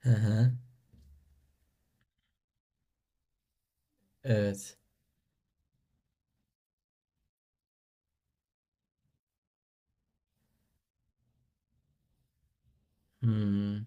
Hı hı. Evet. Hmm.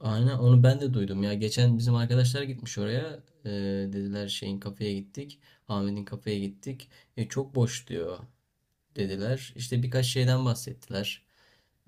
Aynen onu ben de duydum ya. Geçen bizim arkadaşlar gitmiş oraya. Dediler şeyin kafeye gittik. Ahmet'in kafeye gittik. E, çok boş diyor. Dediler. İşte birkaç şeyden bahsettiler.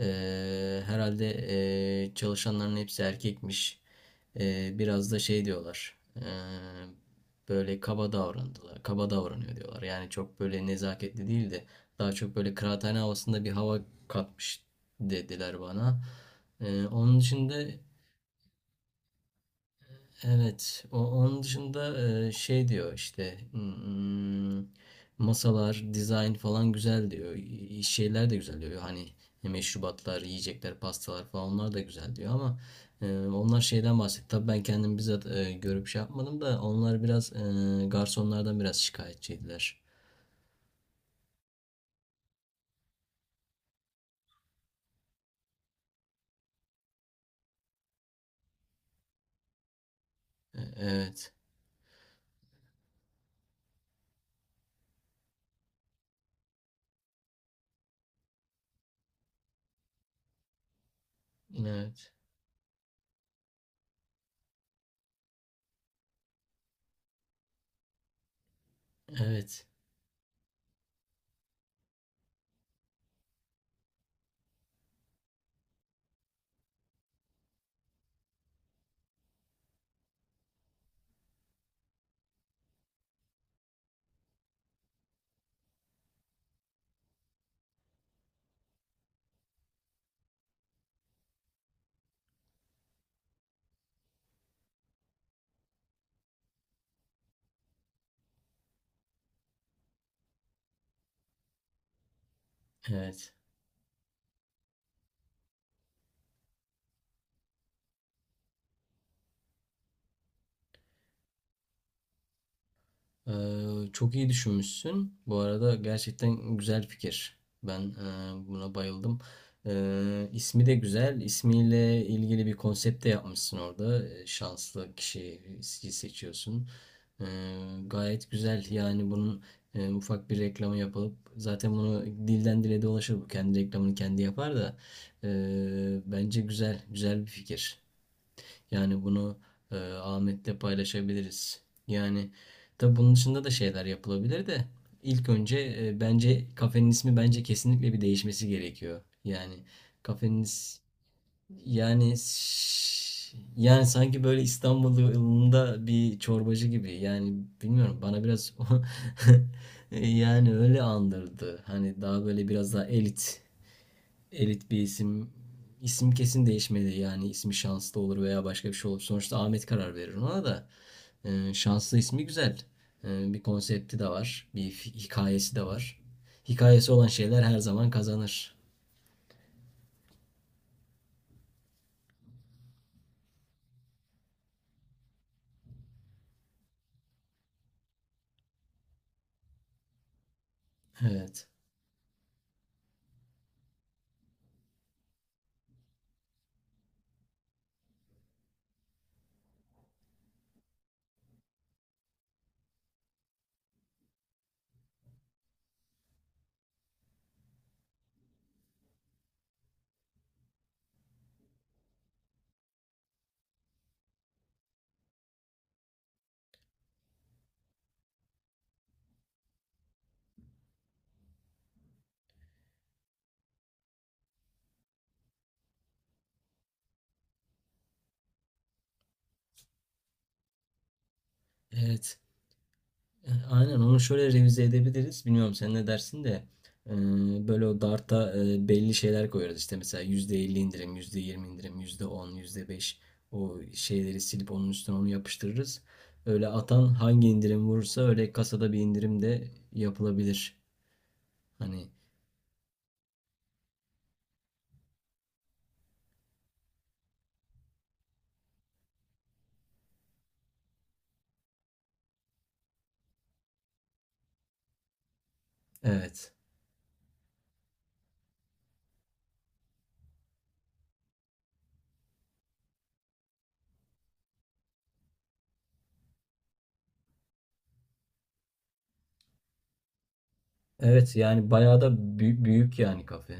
Herhalde çalışanların hepsi erkekmiş. Biraz da şey diyorlar. Böyle kaba davrandılar. Kaba davranıyor diyorlar. Yani çok böyle nezaketli değil de daha çok böyle kıraathane havasında bir hava katmış dediler bana. Onun dışında. Evet, onun dışında şey diyor işte, hmm, masalar, dizayn falan güzel diyor. Şeyler de güzel diyor. Hani meşrubatlar, yiyecekler, pastalar falan onlar da güzel diyor ama onlar şeyden bahsetti. Tabii ben kendim bizzat görüp şey yapmadım da onlar biraz garsonlardan biraz şikayetçiydiler. E, evet, evet, evet, evet. Ee, çok iyi düşünmüşsün. Bu arada gerçekten güzel fikir. Ben buna bayıldım. İsmi de güzel. İsmiyle ilgili bir konsept de yapmışsın orada. Şanslı kişiyi seçiyorsun. Ee, gayet güzel. Yani bunun ufak bir reklamı yapılıp zaten bunu dilden dile dolaşır. Bu kendi reklamını kendi yapar da. Bence güzel. Güzel bir fikir. Yani bunu Ahmet'le paylaşabiliriz. Yani tabii bunun dışında da şeyler yapılabilir de ilk önce bence kafenin ismi bence kesinlikle bir değişmesi gerekiyor. Yani kafeniz, yani sanki böyle İstanbul yolunda bir çorbacı gibi. Yani bilmiyorum bana biraz yani öyle andırdı. Hani daha böyle biraz daha elit bir isim. İsim kesin değişmedi. Yani ismi şanslı olur veya başka bir şey olur. Sonuçta Ahmet karar verir ona da. Şanslı ismi güzel. Bir konsepti de var. Bir hikayesi de var. Hikayesi olan şeyler her zaman kazanır. Evet. Evet. E, aynen onu şöyle revize edebiliriz. Bilmiyorum sen ne dersin de e, böyle o Dart'a, belli şeyler koyarız. İşte mesela %50 indirim, %20 indirim, yüzde on, yüzde beş, o şeyleri silip onun üstüne onu yapıştırırız. Öyle atan hangi indirim vurursa öyle kasada bir indirim de yapılabilir. Hani evet. Evet, yani bayağı da büyük, büyük yani kafe.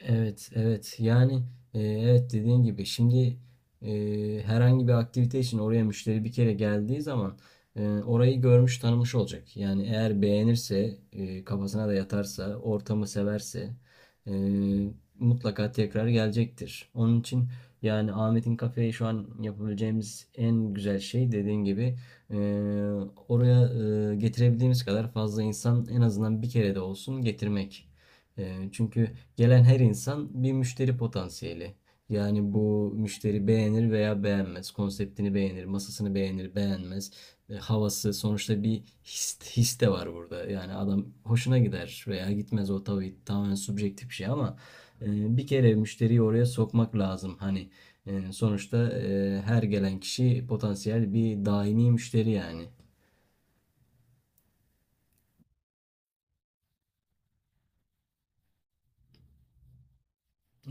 Evet, evet. Yani evet, dediğin gibi şimdi herhangi bir aktivite için oraya müşteri bir kere geldiği zaman orayı görmüş tanımış olacak. Yani eğer beğenirse, kafasına da yatarsa, ortamı severse e, mutlaka tekrar gelecektir. Onun için yani Ahmet'in kafeye şu an yapabileceğimiz en güzel şey, dediğin gibi, e, oraya e, getirebildiğimiz kadar fazla insan, en azından bir kere de olsun, getirmek. E, çünkü gelen her insan bir müşteri potansiyeli. Yani bu müşteri beğenir veya beğenmez. Konseptini beğenir, masasını beğenir, beğenmez. E, havası sonuçta bir his, de var burada. Yani adam hoşuna gider veya gitmez, o tabii tamamen subjektif bir şey ama bir kere müşteriyi oraya sokmak lazım. Hani sonuçta her gelen kişi potansiyel bir daimi müşteri yani.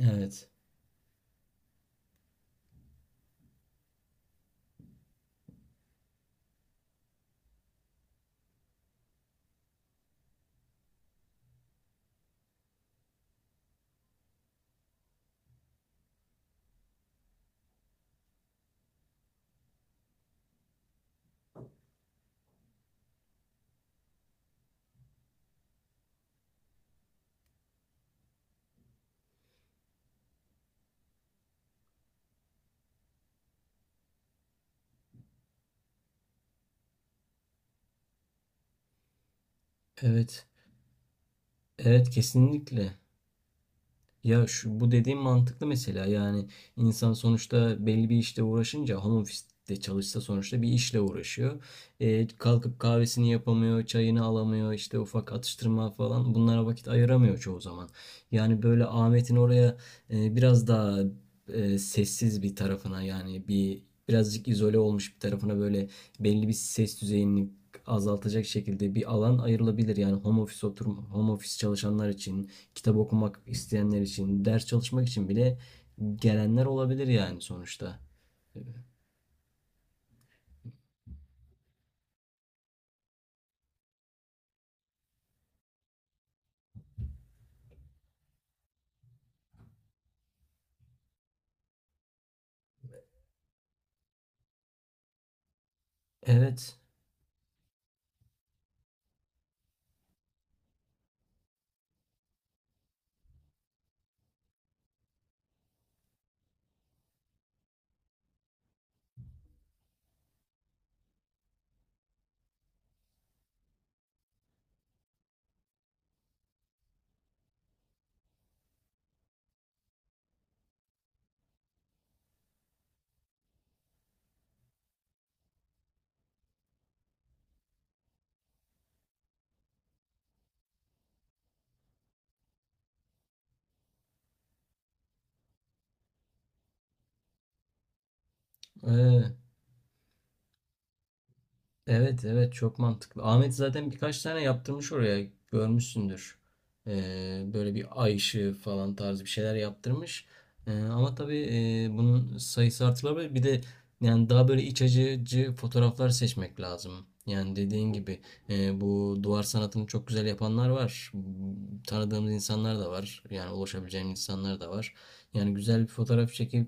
Evet. Evet. Evet, kesinlikle. Ya şu bu dediğim mantıklı mesela, yani insan sonuçta belli bir işte uğraşınca, home office'te çalışsa, sonuçta bir işle uğraşıyor. E, kalkıp kahvesini yapamıyor, çayını alamıyor, işte ufak atıştırma falan, bunlara vakit ayıramıyor çoğu zaman. Yani böyle Ahmet'in oraya biraz daha sessiz bir tarafına, birazcık izole olmuş bir tarafına, böyle belli bir ses düzeyini azaltacak şekilde bir alan ayrılabilir. Yani home office oturum, home office çalışanlar için, kitap okumak isteyenler için, ders çalışmak için bile gelenler olabilir yani sonuçta. Evet. Ee, evet, evet, çok mantıklı. Ahmet zaten birkaç tane yaptırmış oraya, görmüşsündür. Böyle bir ay ışığı falan tarzı bir şeyler yaptırmış. Ama tabii bunun sayısı artırılabilir. Bir de yani daha böyle iç acıcı fotoğraflar seçmek lazım. Yani dediğin gibi bu duvar sanatını çok güzel yapanlar var. Tanıdığımız insanlar da var. Yani ulaşabileceğim insanlar da var. Yani güzel bir fotoğraf çekip,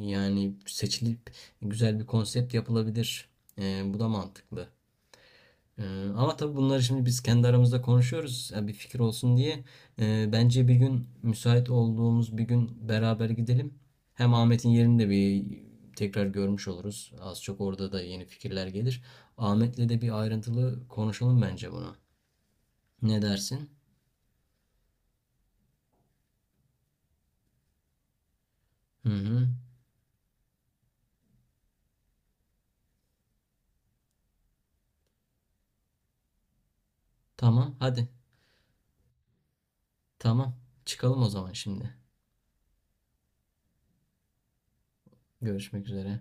yani seçilip, güzel bir konsept yapılabilir. Bu da mantıklı. Ama tabii bunları şimdi biz kendi aramızda konuşuyoruz, ya bir fikir olsun diye. Bence bir gün, müsait olduğumuz bir gün, beraber gidelim. Hem Ahmet'in yerini de bir tekrar görmüş oluruz. Az çok orada da yeni fikirler gelir. Ahmet'le de bir ayrıntılı konuşalım bence bunu. Ne dersin? Hı hı. Tamam, hadi. Tamam. Çıkalım o zaman şimdi. Görüşmek üzere.